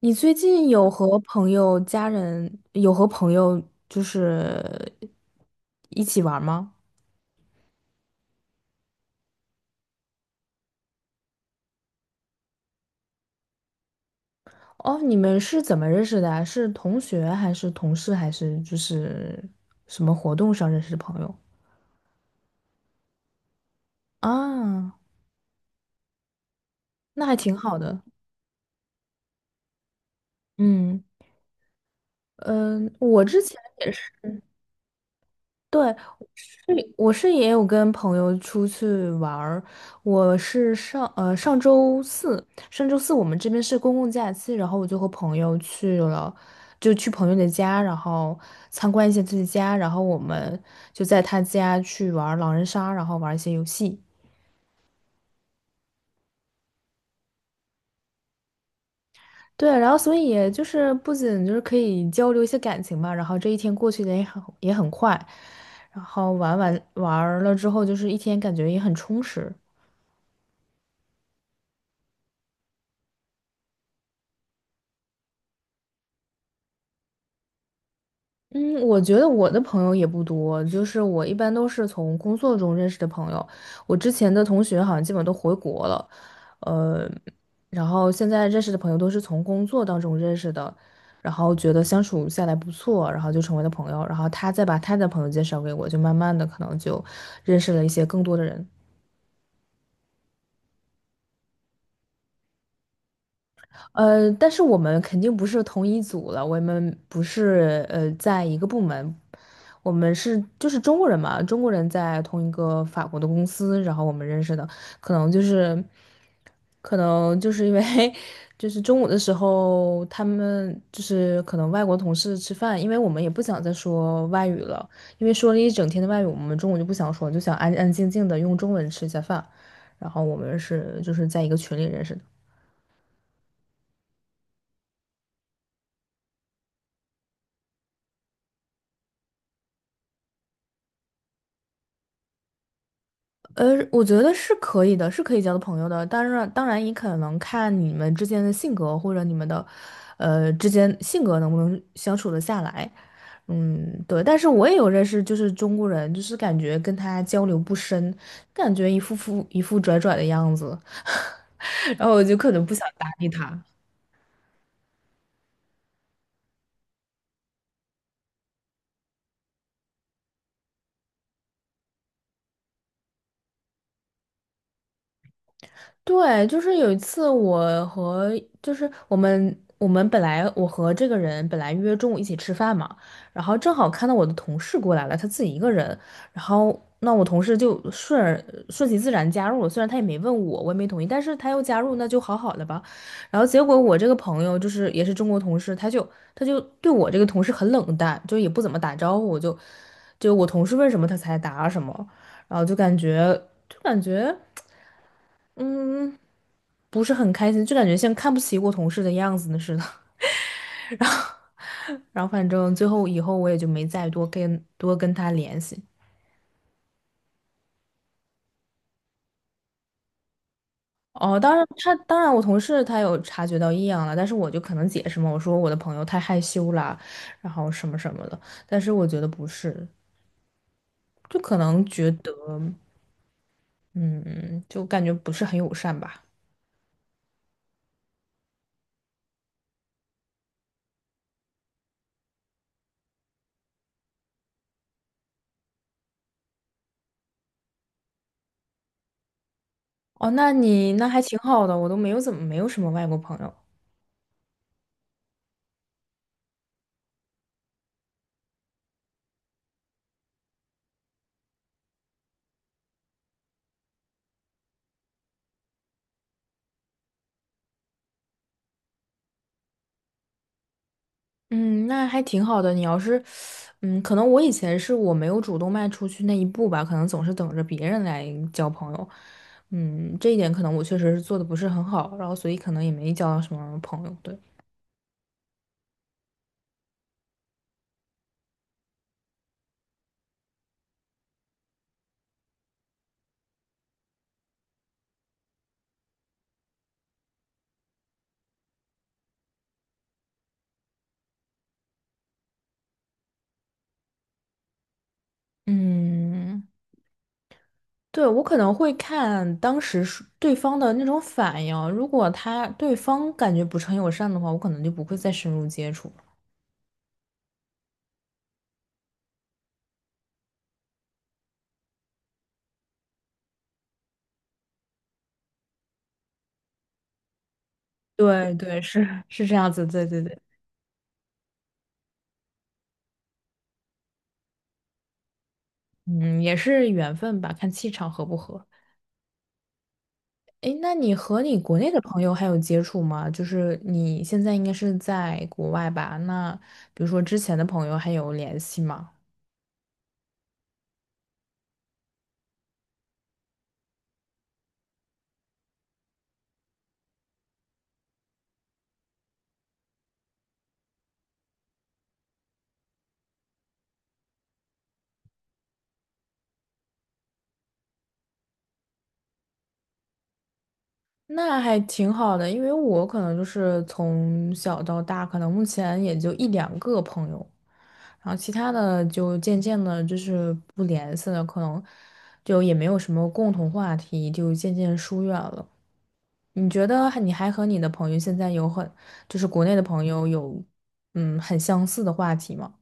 你最近有和朋友、家人有和朋友就是一起玩吗？哦，你们是怎么认识的啊？是同学还是同事还是什么活动上认识的朋友啊？那还挺好的。嗯嗯，我之前也是。对，是我也有跟朋友出去玩儿。我是上上周四，上周四我们这边是公共假期，然后我就和朋友去了，就去朋友的家，然后参观一下自己家，然后我们就在他家去玩儿狼人杀，然后玩儿一些游戏。对，然后所以也就是不仅就是可以交流一些感情吧，然后这一天过去的也很快，然后玩儿了之后，就是一天感觉也很充实。嗯，我觉得我的朋友也不多，就是我一般都是从工作中认识的朋友。我之前的同学好像基本都回国了，呃，然后现在认识的朋友都是从工作当中认识的，然后觉得相处下来不错，然后就成为了朋友，然后他再把他的朋友介绍给我，就慢慢的可能就认识了一些更多的人。呃，但是我们肯定不是同一组了，我们不是在一个部门，我们就是中国人嘛，中国人在同一个法国的公司，然后我们认识的，可能就是可能就是因为 就是中午的时候，他们就是可能外国同事吃饭，因为我们也不想再说外语了，因为说了一整天的外语，我们中午就不想说，就想安安静静的用中文吃一下饭，然后我们就是在一个群里认识的。呃，我觉得是可以的，是可以交的朋友的。当然，当然也可能看你们之间的性格，或者你们的，呃，之间性格能不能相处得下来。嗯，对。但是我也有认识，就是中国人，就是感觉跟他交流不深，感觉一副拽拽的样子，然后我就可能不想搭理他。对，就是有一次我们本来我和这个人本来约中午一起吃饭嘛，然后正好看到我的同事过来了，他自己一个人，然后那我同事就顺而顺其自然加入了，虽然他也没问我，我也没同意，但是他又加入，那就好好的吧。然后结果我这个朋友就是也是中国同事，他就对我这个同事很冷淡，就也不怎么打招呼，就就我同事问什么他才答什么，然后就感觉。不是很开心，就感觉像看不起我同事的样子似的。然后，然后反正最后以后我也就没再多跟他联系。哦，当然我同事他有察觉到异样了，但是我就可能解释嘛，我说我的朋友太害羞啦，然后什么什么的。但是我觉得不是，就可能觉得嗯，就感觉不是很友善吧。哦，那你那还挺好的，我都没有什么外国朋友。嗯，那还挺好的。你要是，嗯，可能我以前是我没有主动迈出去那一步吧，可能总是等着别人来交朋友。嗯，这一点可能我确实是做的不是很好，然后所以可能也没交到什么朋友。对，嗯，对，我可能会看当时是对方的那种反应，如果对方感觉不是很友善的话，我可能就不会再深入接触了对对，是这样子，对对对，嗯，也是缘分吧，看气场合不合。诶，那你和你国内的朋友还有接触吗？就是你现在应该是在国外吧？那比如说之前的朋友还有联系吗？那还挺好的，因为我可能就是从小到大，可能目前也就一两个朋友，然后其他的就渐渐的就是不联系了，可能就也没有什么共同话题，就渐渐疏远了。你觉得你还和你的朋友现在有很，就是国内的朋友有，嗯，很相似的话题吗？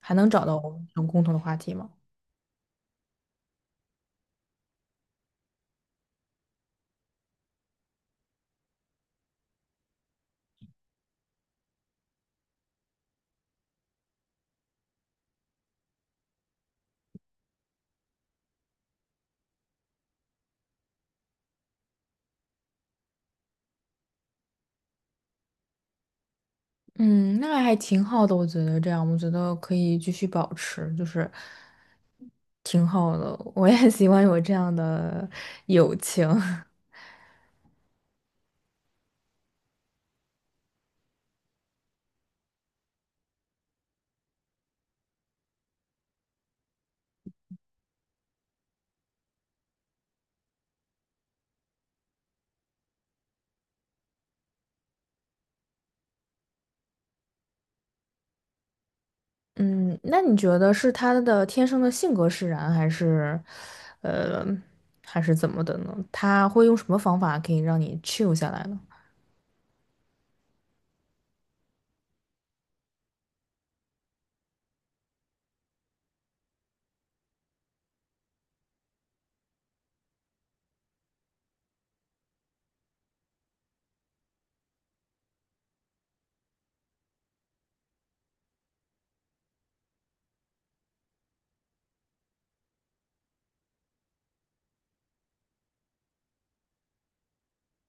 还能找到我们共同的话题吗？嗯，那还挺好的，我觉得这样，我觉得可以继续保持，就是挺好的。我也 喜欢有这样的友情。嗯，那你觉得是他的天生的性格使然，还是，呃，还是怎么的呢？他会用什么方法可以让你 chill 下来呢？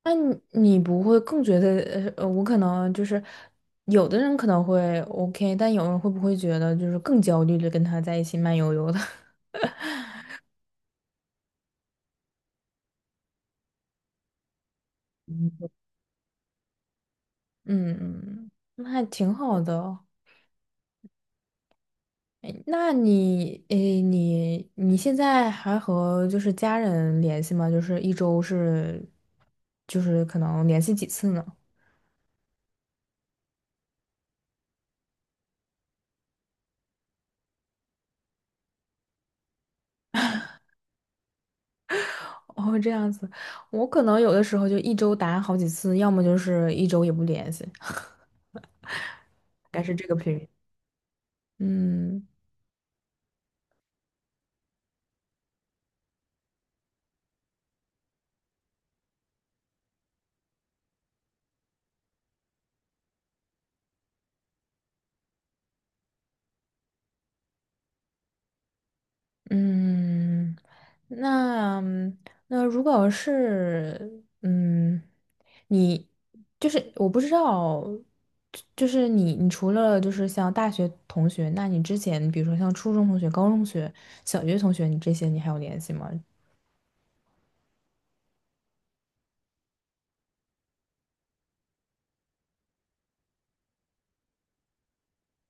那你你不会更觉得，呃，我可能就是有的人可能会 OK,但有人会不会觉得就是更焦虑的跟他在一起慢悠悠的？嗯嗯，那还挺好的哦。哎，那你，诶，你你现在还和就是家人联系吗？就是一周是，就是可能联系几次呢？哦，这样子，我可能有的时候就一周打好几次，要么就是一周也不联系，大概是这个频率。嗯。嗯，那那如果是嗯，你就是我不知道，就是你你除了就是像大学同学，那你之前比如说像初中同学、高中同学、小学同学，你这些你还有联系吗？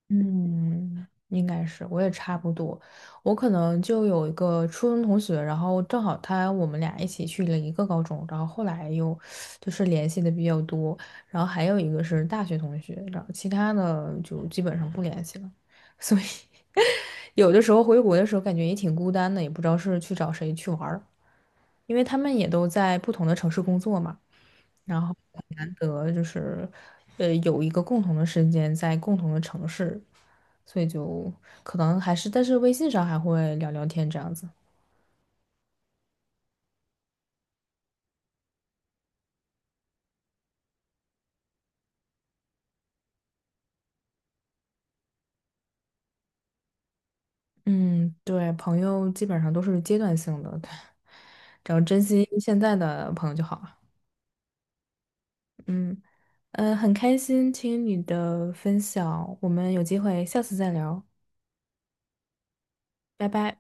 嗯，应该是，我也差不多。我可能就有一个初中同学，然后正好我们俩一起去了一个高中，然后后来又就是联系的比较多。然后还有一个是大学同学，然后其他的就基本上不联系了。所以有的时候回国的时候感觉也挺孤单的，也不知道是去找谁去玩儿，因为他们也都在不同的城市工作嘛。然后很难得就是，呃，有一个共同的时间在共同的城市，所以就可能还是，但是微信上还会聊聊天这样子。嗯，对，朋友基本上都是阶段性的，对，只要珍惜现在的朋友就好了。嗯，呃，很开心听你的分享，我们有机会下次再聊，拜拜。